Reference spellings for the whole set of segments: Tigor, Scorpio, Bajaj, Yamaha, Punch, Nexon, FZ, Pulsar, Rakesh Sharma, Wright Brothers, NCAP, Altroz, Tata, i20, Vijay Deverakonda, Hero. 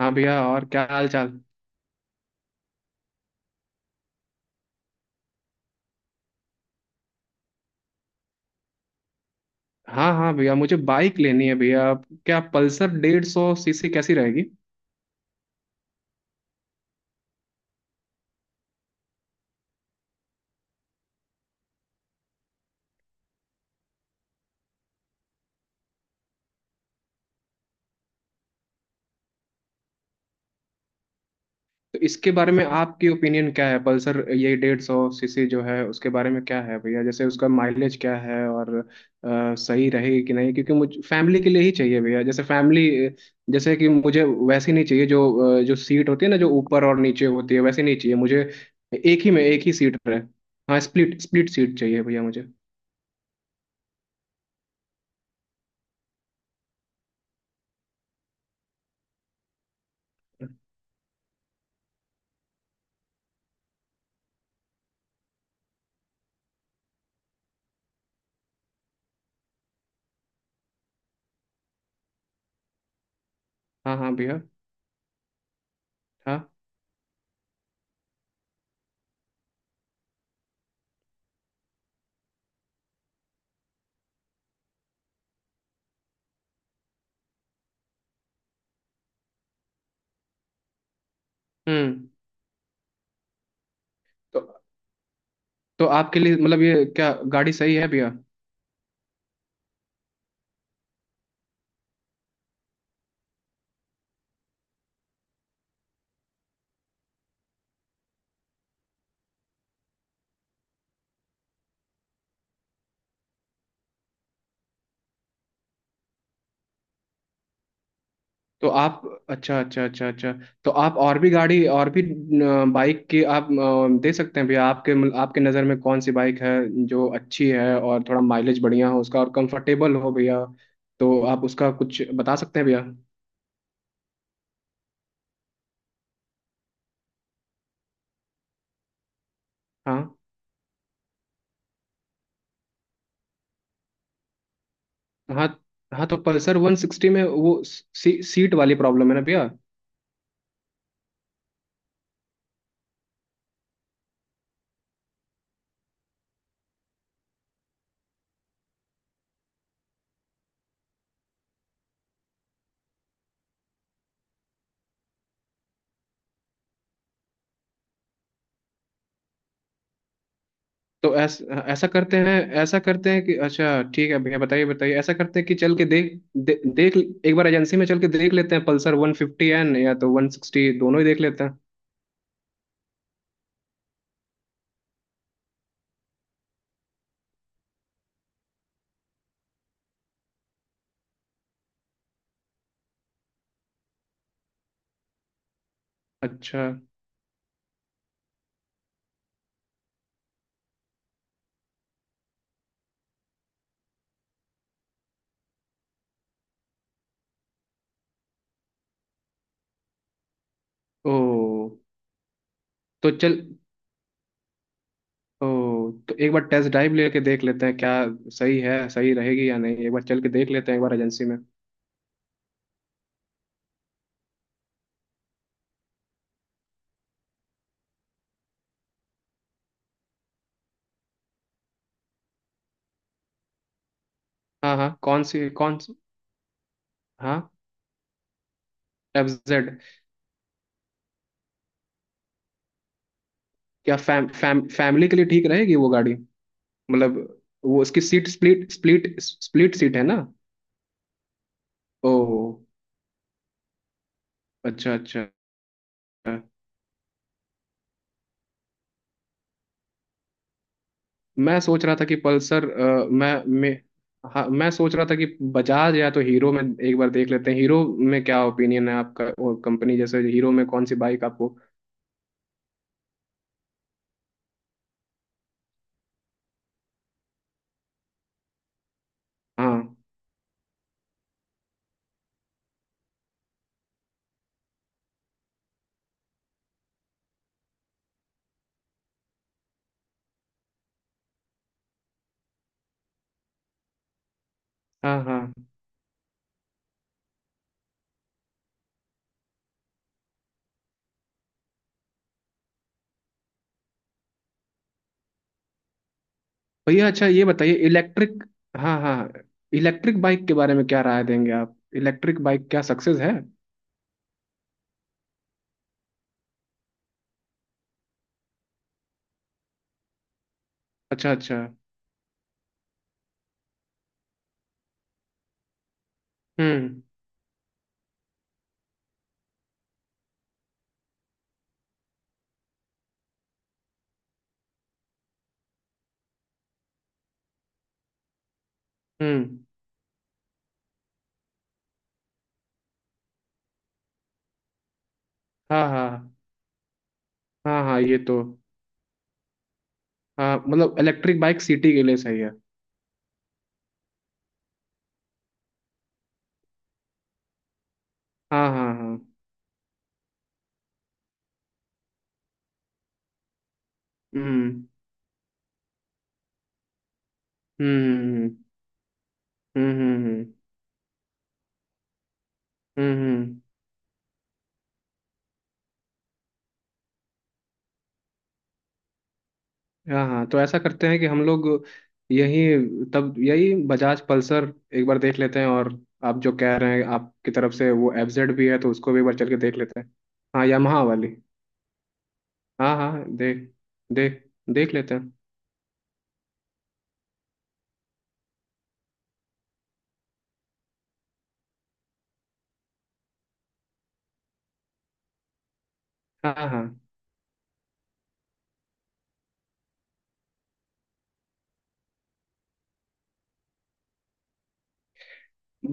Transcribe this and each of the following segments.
हाँ भैया, और क्या हाल चाल। हाँ हाँ भैया, मुझे बाइक लेनी है भैया। क्या पल्सर 150 सीसी कैसी रहेगी। तो इसके बारे में आपकी ओपिनियन क्या है, पल्सर ये 150 सीसी जो है उसके बारे में क्या है भैया, जैसे उसका माइलेज क्या है और सही रहेगी कि नहीं, क्योंकि मुझे फैमिली के लिए ही चाहिए भैया, जैसे फैमिली जैसे कि मुझे वैसी नहीं चाहिए जो जो सीट होती है ना, जो ऊपर और नीचे होती है वैसी नहीं चाहिए मुझे। एक ही में एक ही सीट रहे। हाँ स्प्लिट स्प्लिट सीट चाहिए भैया मुझे। हाँ हाँ भैया। हाँ। हम्म। तो तो आपके लिए मतलब ये क्या गाड़ी सही है भैया। तो आप, अच्छा अच्छा अच्छा अच्छा। तो आप और भी गाड़ी और भी बाइक की आप दे सकते हैं भैया, आपके मतलब आपके नज़र में कौन सी बाइक है जो अच्छी है और थोड़ा माइलेज बढ़िया हो उसका और कंफर्टेबल हो भैया। तो आप उसका कुछ बता सकते हैं भैया। हाँ हाँ हाँ। तो पल्सर 160 में वो सीट वाली प्रॉब्लम है ना भैया। तो ऐसा करते हैं, ऐसा करते हैं कि अच्छा ठीक है भैया, बताइए बताइए, ऐसा करते हैं कि चल के देख, एक बार एजेंसी में चल के देख लेते हैं, पल्सर 150N या तो 160 दोनों ही देख लेते हैं। अच्छा। ओ। तो चल। ओ। तो एक बार टेस्ट ड्राइव लेके देख लेते हैं क्या, सही है, सही रहेगी या नहीं, एक बार चल के देख लेते हैं एक बार एजेंसी में। हाँ हाँ, कौन सी कौन सी। हाँ एफ जेड। क्या फैम, फैम, फैमिली के लिए ठीक रहेगी वो गाड़ी। मतलब वो उसकी seat split split split seat है ना। ओ। अच्छा अच्छा। मैं सोच रहा था कि पल्सर, मैं, हाँ मैं सोच रहा था कि बजाज या तो हीरो में एक बार देख लेते हैं, हीरो में क्या ओपिनियन है आपका, और कंपनी जैसे हीरो में कौन सी बाइक आपको। हाँ हाँ हाँ। भैया अच्छा ये बताइए इलेक्ट्रिक। हाँ हाँ। इलेक्ट्रिक बाइक के बारे में क्या राय देंगे आप, इलेक्ट्रिक बाइक क्या सक्सेस है। अच्छा अच्छा। हम्म। हम्म। हाँ हाँ। हाँ हाँ ये तो। हाँ मतलब इलेक्ट्रिक बाइक सिटी के लिए सही है। हाँ हाँ हाँ। हम्म हम्म हम्म। हम्म। हम्म, हम्म। हाँ हाँ, तो ऐसा करते हैं कि हम लोग यही, तब यही बजाज पल्सर एक बार देख लेते हैं, और आप जो कह रहे हैं आपकी तरफ से वो एफजेड भी है तो उसको भी एक बार चल के देख लेते हैं। हाँ यामाहा वाली। हाँ हाँ, देख देख देख लेते हैं। हाँ हाँ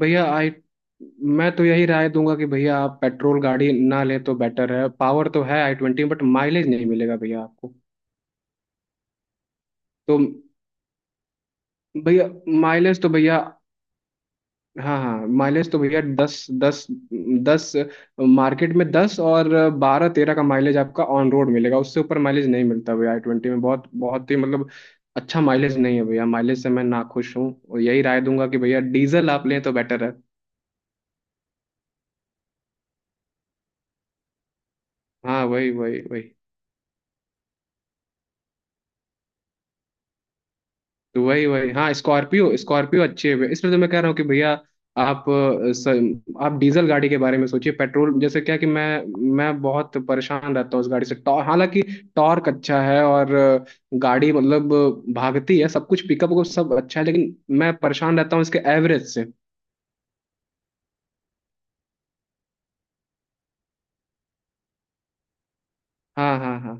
भैया आई। मैं तो यही राय दूंगा कि भैया आप पेट्रोल गाड़ी ना लें तो बेटर है, पावर तो है i20, बट माइलेज नहीं मिलेगा भैया आपको। तो भैया माइलेज तो भैया, हाँ हाँ माइलेज तो भैया दस दस दस, मार्केट में दस और 12-13 का माइलेज आपका ऑन रोड मिलेगा, उससे ऊपर माइलेज नहीं मिलता भैया i20 में, बहुत बहुत ही मतलब अच्छा माइलेज नहीं है भैया, माइलेज से मैं नाखुश हूँ और यही राय दूंगा कि भैया डीजल आप लें तो बेटर है। हाँ वही वही वही। तो वही वही, हाँ स्कॉर्पियो स्कॉर्पियो अच्छी है, इसलिए तो मैं कह रहा हूँ कि भैया आप, आप डीजल गाड़ी के बारे में सोचिए, पेट्रोल जैसे क्या कि मैं बहुत परेशान रहता हूँ उस गाड़ी से, टॉर हालांकि टॉर्क अच्छा है और गाड़ी मतलब भागती है सब कुछ, पिकअप को सब अच्छा है, लेकिन मैं परेशान रहता हूँ इसके एवरेज से। हाँ हाँ हाँ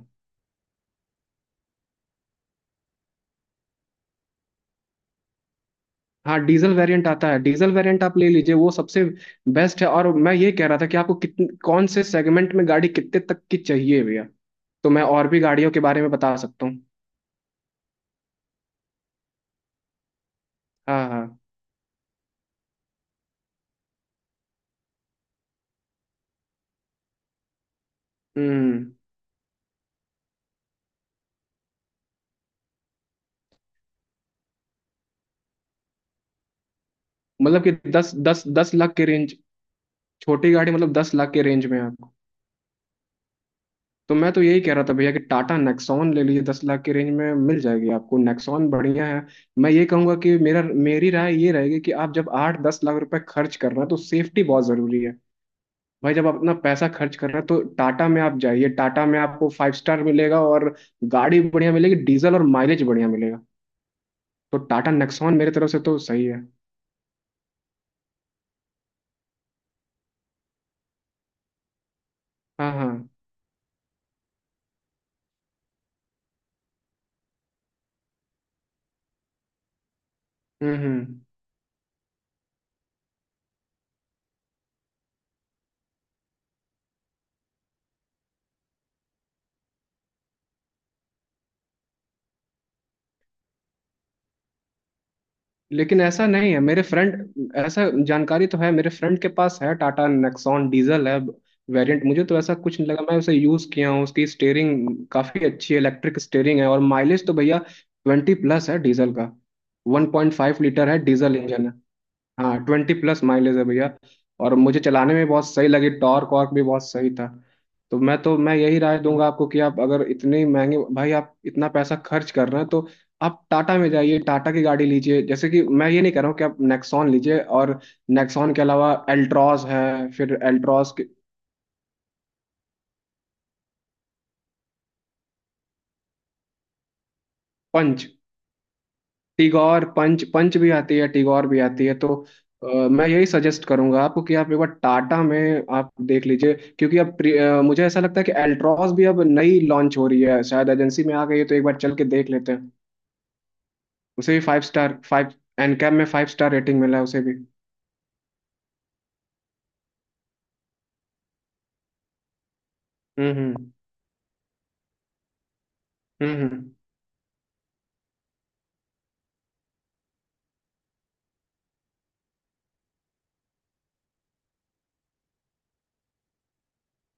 हाँ। डीजल वेरिएंट आता है, डीजल वेरिएंट आप ले लीजिए वो सबसे बेस्ट है। और मैं ये कह रहा था कि आपको कौन से सेगमेंट में गाड़ी कितने तक की चाहिए भैया। तो मैं और भी गाड़ियों के बारे में बता सकता हूँ। हाँ हाँ। हम्म। मतलब कि दस दस 10 लाख के रेंज, छोटी गाड़ी मतलब 10 लाख के रेंज में आपको। तो मैं तो यही कह रहा था भैया कि टाटा नेक्सॉन ले लीजिए, 10 लाख के रेंज में मिल जाएगी आपको, नेक्सॉन बढ़िया है। मैं ये कहूंगा कि मेरा, मेरी राय ये रहेगी कि आप जब 8-10 लाख रुपए खर्च कर रहे हैं तो सेफ्टी बहुत जरूरी है। भाई जब आप अपना पैसा खर्च कर रहे हैं तो टाटा में आप जाइए, टाटा में आपको फाइव स्टार मिलेगा, और गाड़ी बढ़िया मिलेगी डीजल, और माइलेज बढ़िया मिलेगा। तो टाटा नेक्सॉन मेरी तरफ से तो सही है। हाँ हाँ। हम्म। लेकिन ऐसा नहीं है मेरे फ्रेंड, ऐसा जानकारी तो है, मेरे फ्रेंड के पास है, टाटा नेक्सॉन डीजल है वेरिएंट, मुझे तो ऐसा कुछ नहीं लगा, मैं उसे यूज किया हूँ, उसकी स्टेयरिंग काफी अच्छी है, इलेक्ट्रिक स्टेयरिंग है, और माइलेज तो भैया 20+ है डीजल का, 1.5 लीटर है डीजल इंजन है। हाँ 20+ माइलेज है भैया, और मुझे चलाने में बहुत सही लगी, टॉर्क वॉर्क भी बहुत सही था। तो मैं यही राय दूंगा आपको कि आप अगर इतने महंगे, भाई आप इतना पैसा खर्च कर रहे हैं तो आप टाटा में जाइए, टाटा की गाड़ी लीजिए, जैसे कि मैं ये नहीं कह रहा हूँ कि आप नेक्सॉन लीजिए, और नेक्सॉन के अलावा एल्ट्रॉस है, फिर एल्ट्रॉस के पंच, टिगोर, पंच पंच भी आती है, टिगोर भी आती है तो मैं यही सजेस्ट करूंगा आपको कि आप एक बार टाटा में आप देख लीजिए, क्योंकि अब मुझे ऐसा लगता है कि एल्ट्रॉस भी अब नई लॉन्च हो रही है, शायद एजेंसी में आ गई है तो एक बार चल के देख लेते हैं। उसे भी फाइव स्टार, फाइव NCAP में फाइव स्टार रेटिंग मिला है उसे भी। हम्म। हम्म हम्म।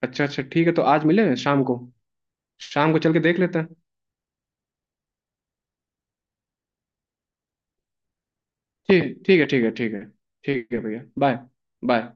अच्छा अच्छा, ठीक है तो आज मिले शाम को। शाम को चल के देख लेते हैं। ठीक, ठीक है ठीक है ठीक है। ठीक है भैया बाय। बाय।